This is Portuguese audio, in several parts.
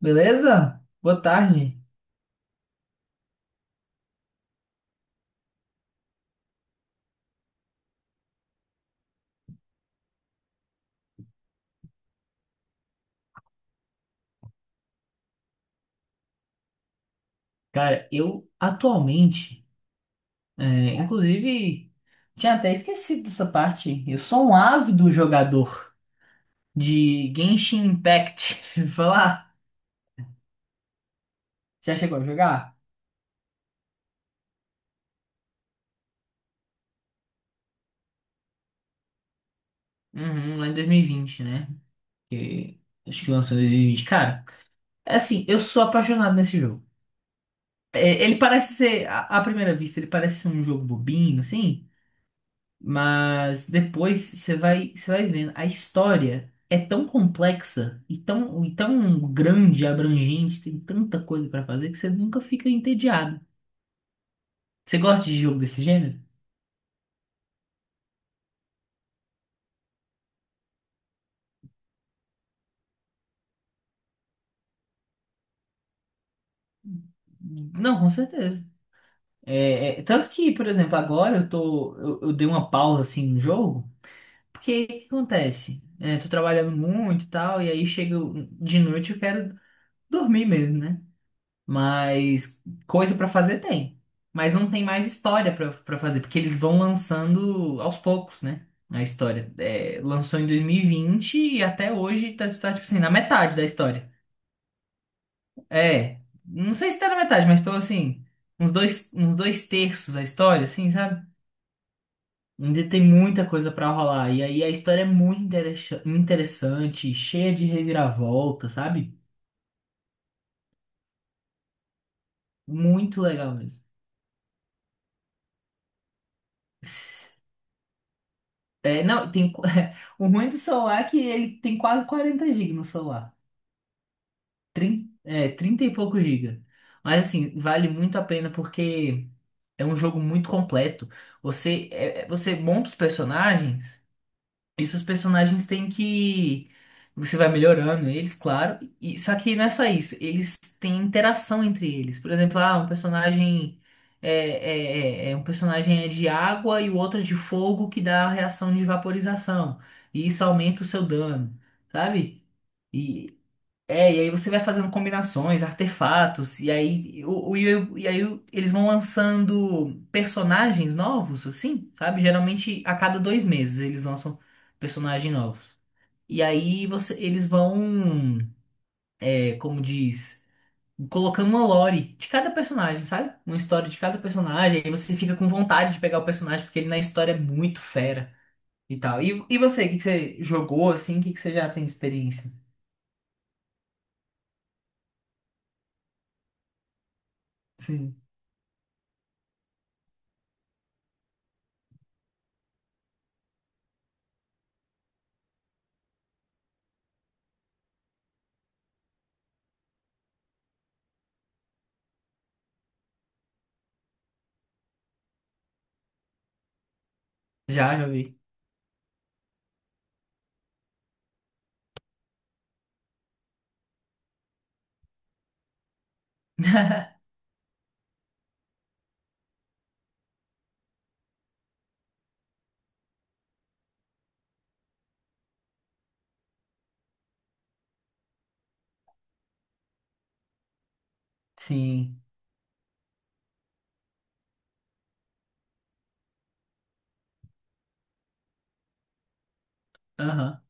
Beleza? Boa tarde. Cara, eu atualmente, inclusive, tinha até esquecido dessa parte. Eu sou um ávido jogador de Genshin Impact. Deixa eu falar? Já chegou a jogar? Uhum, lá em 2020, né? Que acho que lançou em 2020. Cara, é assim, eu sou apaixonado nesse jogo. É, ele parece ser, à primeira vista, ele parece ser um jogo bobinho, assim. Mas depois você vai vendo, a história é tão complexa e tão grande, abrangente, tem tanta coisa pra fazer que você nunca fica entediado. Você gosta de jogo desse gênero? Não, com certeza. Tanto que, por exemplo, agora eu dei uma pausa assim no jogo, porque o que acontece? É, tô trabalhando muito e tal, e aí de noite eu quero dormir mesmo, né? Mas coisa pra fazer tem. Mas não tem mais história pra fazer, porque eles vão lançando aos poucos, né? A história. É, lançou em 2020 e vinte e até hoje tá, tipo assim, na metade da história. É, não sei se tá na metade, mas pelo assim, uns dois terços da história, assim, sabe? Ainda tem muita coisa pra rolar. E aí a história é muito interessante, cheia de reviravolta, sabe? Muito legal mesmo. É, não, tem, o ruim do celular é que ele tem quase 40 GB no celular. Trinta e poucos gigas. Mas assim, vale muito a pena porque é um jogo muito completo. Você monta os personagens. Isso os personagens têm que. Você vai melhorando eles, claro. E, só que não é só isso. Eles têm interação entre eles. Por exemplo, um personagem. Um personagem é de água e o outro é de fogo que dá a reação de vaporização. E isso aumenta o seu dano, sabe? É, e aí você vai fazendo combinações, artefatos, eles vão lançando personagens novos, assim, sabe? Geralmente a cada 2 meses eles lançam personagens novos. E aí eles vão, como diz, colocando uma lore de cada personagem, sabe? Uma história de cada personagem, aí você fica com vontade de pegar o personagem, porque ele na história é muito fera e tal. E o que que você jogou, assim, o que que você já tem experiência? Sim, já vi. Sim. Aham,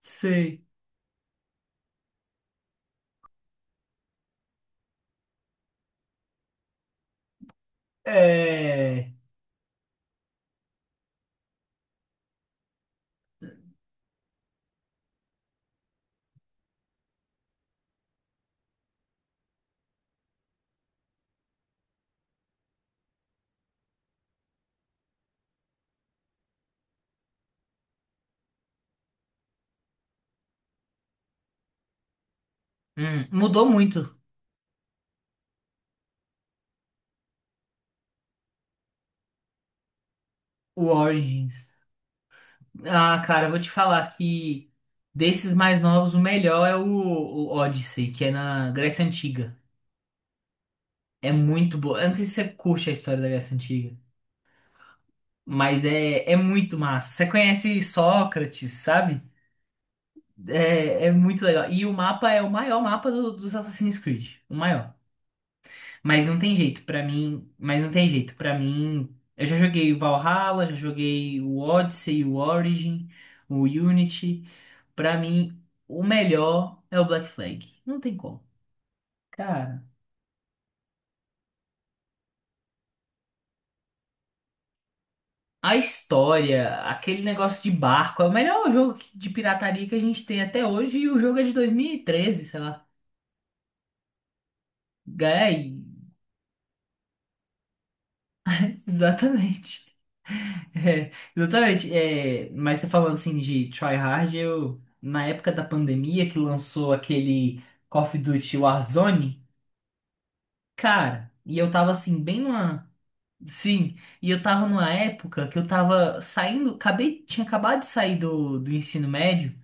sei. É... Mudou muito o Origins. Ah, cara, eu vou te falar que desses mais novos, o melhor é o Odyssey, que é na Grécia Antiga. É muito boa. Eu não sei se você curte a história da Grécia Antiga, mas é muito massa. Você conhece Sócrates, sabe? É muito legal. E o mapa é o maior mapa dos Assassin's Creed. O maior. Mas não tem jeito pra mim, mas não tem jeito para mim. Eu já joguei o Valhalla, já joguei o Odyssey, o Origin, o Unity. Pra mim, o melhor é o Black Flag. Não tem como. Cara, a história, aquele negócio de barco, é o melhor jogo de pirataria que a gente tem até hoje e o jogo é de 2013, sei lá. Gai, exatamente. É, exatamente. É, mas você falando assim de try hard, eu na época da pandemia que lançou aquele Call of Duty Warzone, cara, e eu tava assim bem numa, sim, e eu tava numa época que eu tava saindo, acabei, tinha acabado de sair do ensino médio,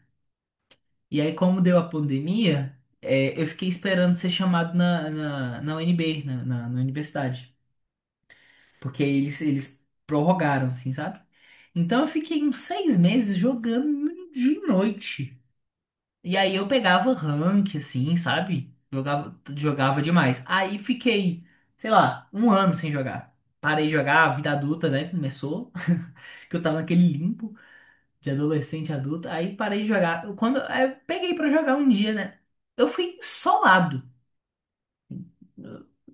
e aí como deu a pandemia, eu fiquei esperando ser chamado na UNB, na universidade. Porque eles prorrogaram, assim, sabe? Então eu fiquei uns 6 meses jogando de noite. E aí eu pegava rank, assim, sabe? Jogava demais. Aí fiquei, sei lá, um ano sem jogar. Parei de jogar, a vida adulta, né? Começou. Que eu tava naquele limbo de adolescente adulta. Aí parei de jogar. Quando aí eu peguei pra jogar um dia, né? Eu fui solado.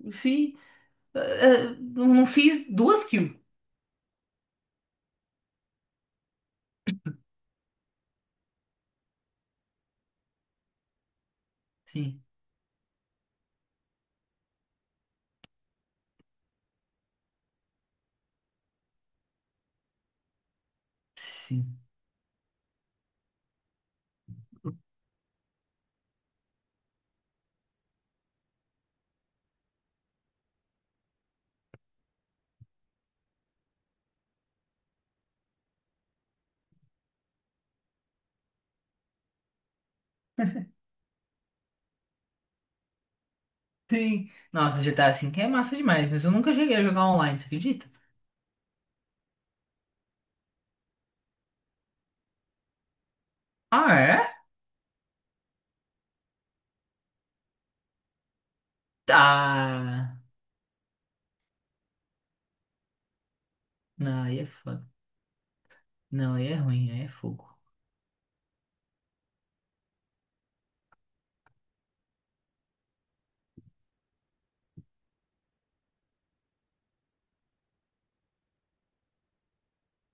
Eu fui, eh, não fiz duas kills. Sim. Sim. Sim. Nossa, GTA 5 é massa demais, mas eu nunca cheguei a jogar online, você acredita? Ah, é? Ah, não, aí é foda. Não, aí é ruim, aí é fogo.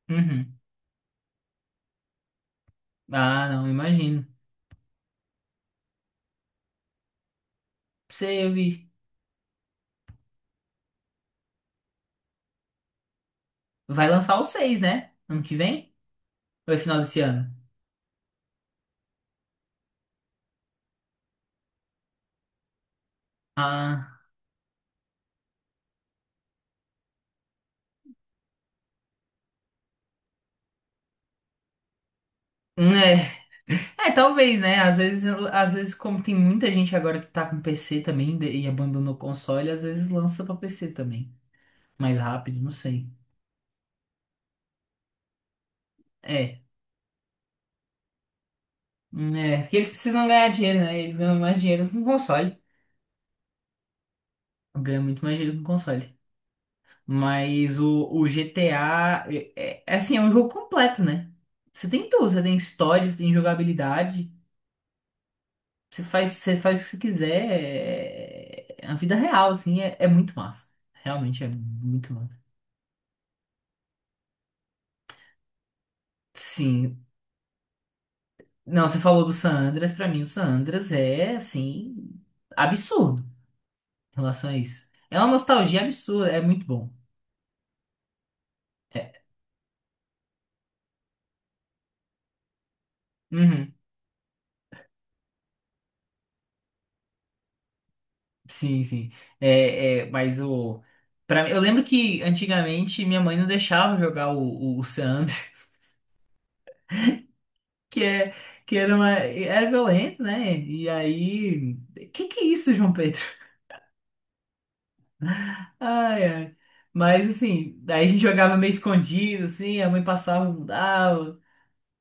Uhum. Ah, não, imagino. Sei, eu vi. Vai lançar o seis, né? Ano que vem? Ou é final desse ano? Ah, é. É, talvez, né? Às vezes, como tem muita gente agora que tá com PC também e abandonou o console, às vezes lança pra PC também. Mais rápido, não sei. É. É, porque eles precisam ganhar dinheiro, né? Eles ganham mais dinheiro com console. Ganha muito mais dinheiro com console. Mas o GTA é, é assim, é um jogo completo, né? Você tem tudo, você tem história, você tem jogabilidade, você faz o que você quiser. É a vida real, assim, é muito massa. Realmente é muito massa. Sim. Não, você falou do San Andreas, pra mim o San Andreas é assim, absurdo em relação a isso. É uma nostalgia absurda, é muito bom. É. Uhum. Sim, sim. É, mas o. Eu lembro que antigamente minha mãe não deixava jogar o San Andreas, que, é, que era, era violento, né? E aí. Que é isso, João Pedro? Ai, ai. Mas assim, daí a gente jogava meio escondido, assim, a mãe passava, mudava.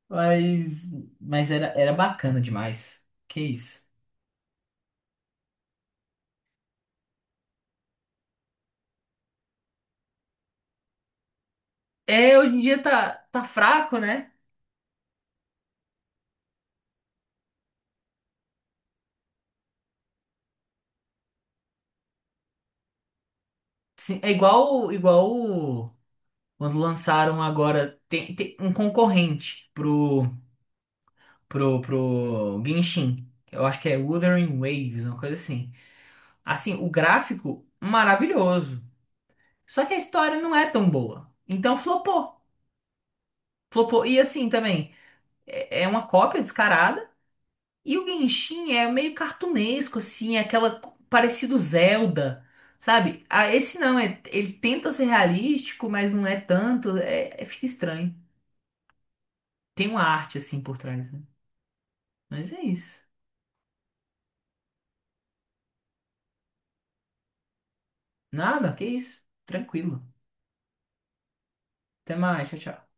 Mas, mas era bacana demais. Que isso. É, hoje em dia tá fraco, né? Sim, é igual quando lançaram agora, tem um concorrente pro Genshin. Eu acho que é Wuthering Waves, uma coisa assim. Assim, o gráfico maravilhoso. Só que a história não é tão boa. Então flopou. Flopou. E assim também, é uma cópia descarada. E o Genshin é meio cartunesco, assim, é aquela parecido Zelda. Sabe? Ah, esse não, ele tenta ser realístico, mas não é tanto. Fica estranho. Tem uma arte assim por trás, né? Mas é isso. Nada, que isso. Tranquilo. Até mais, tchau, tchau.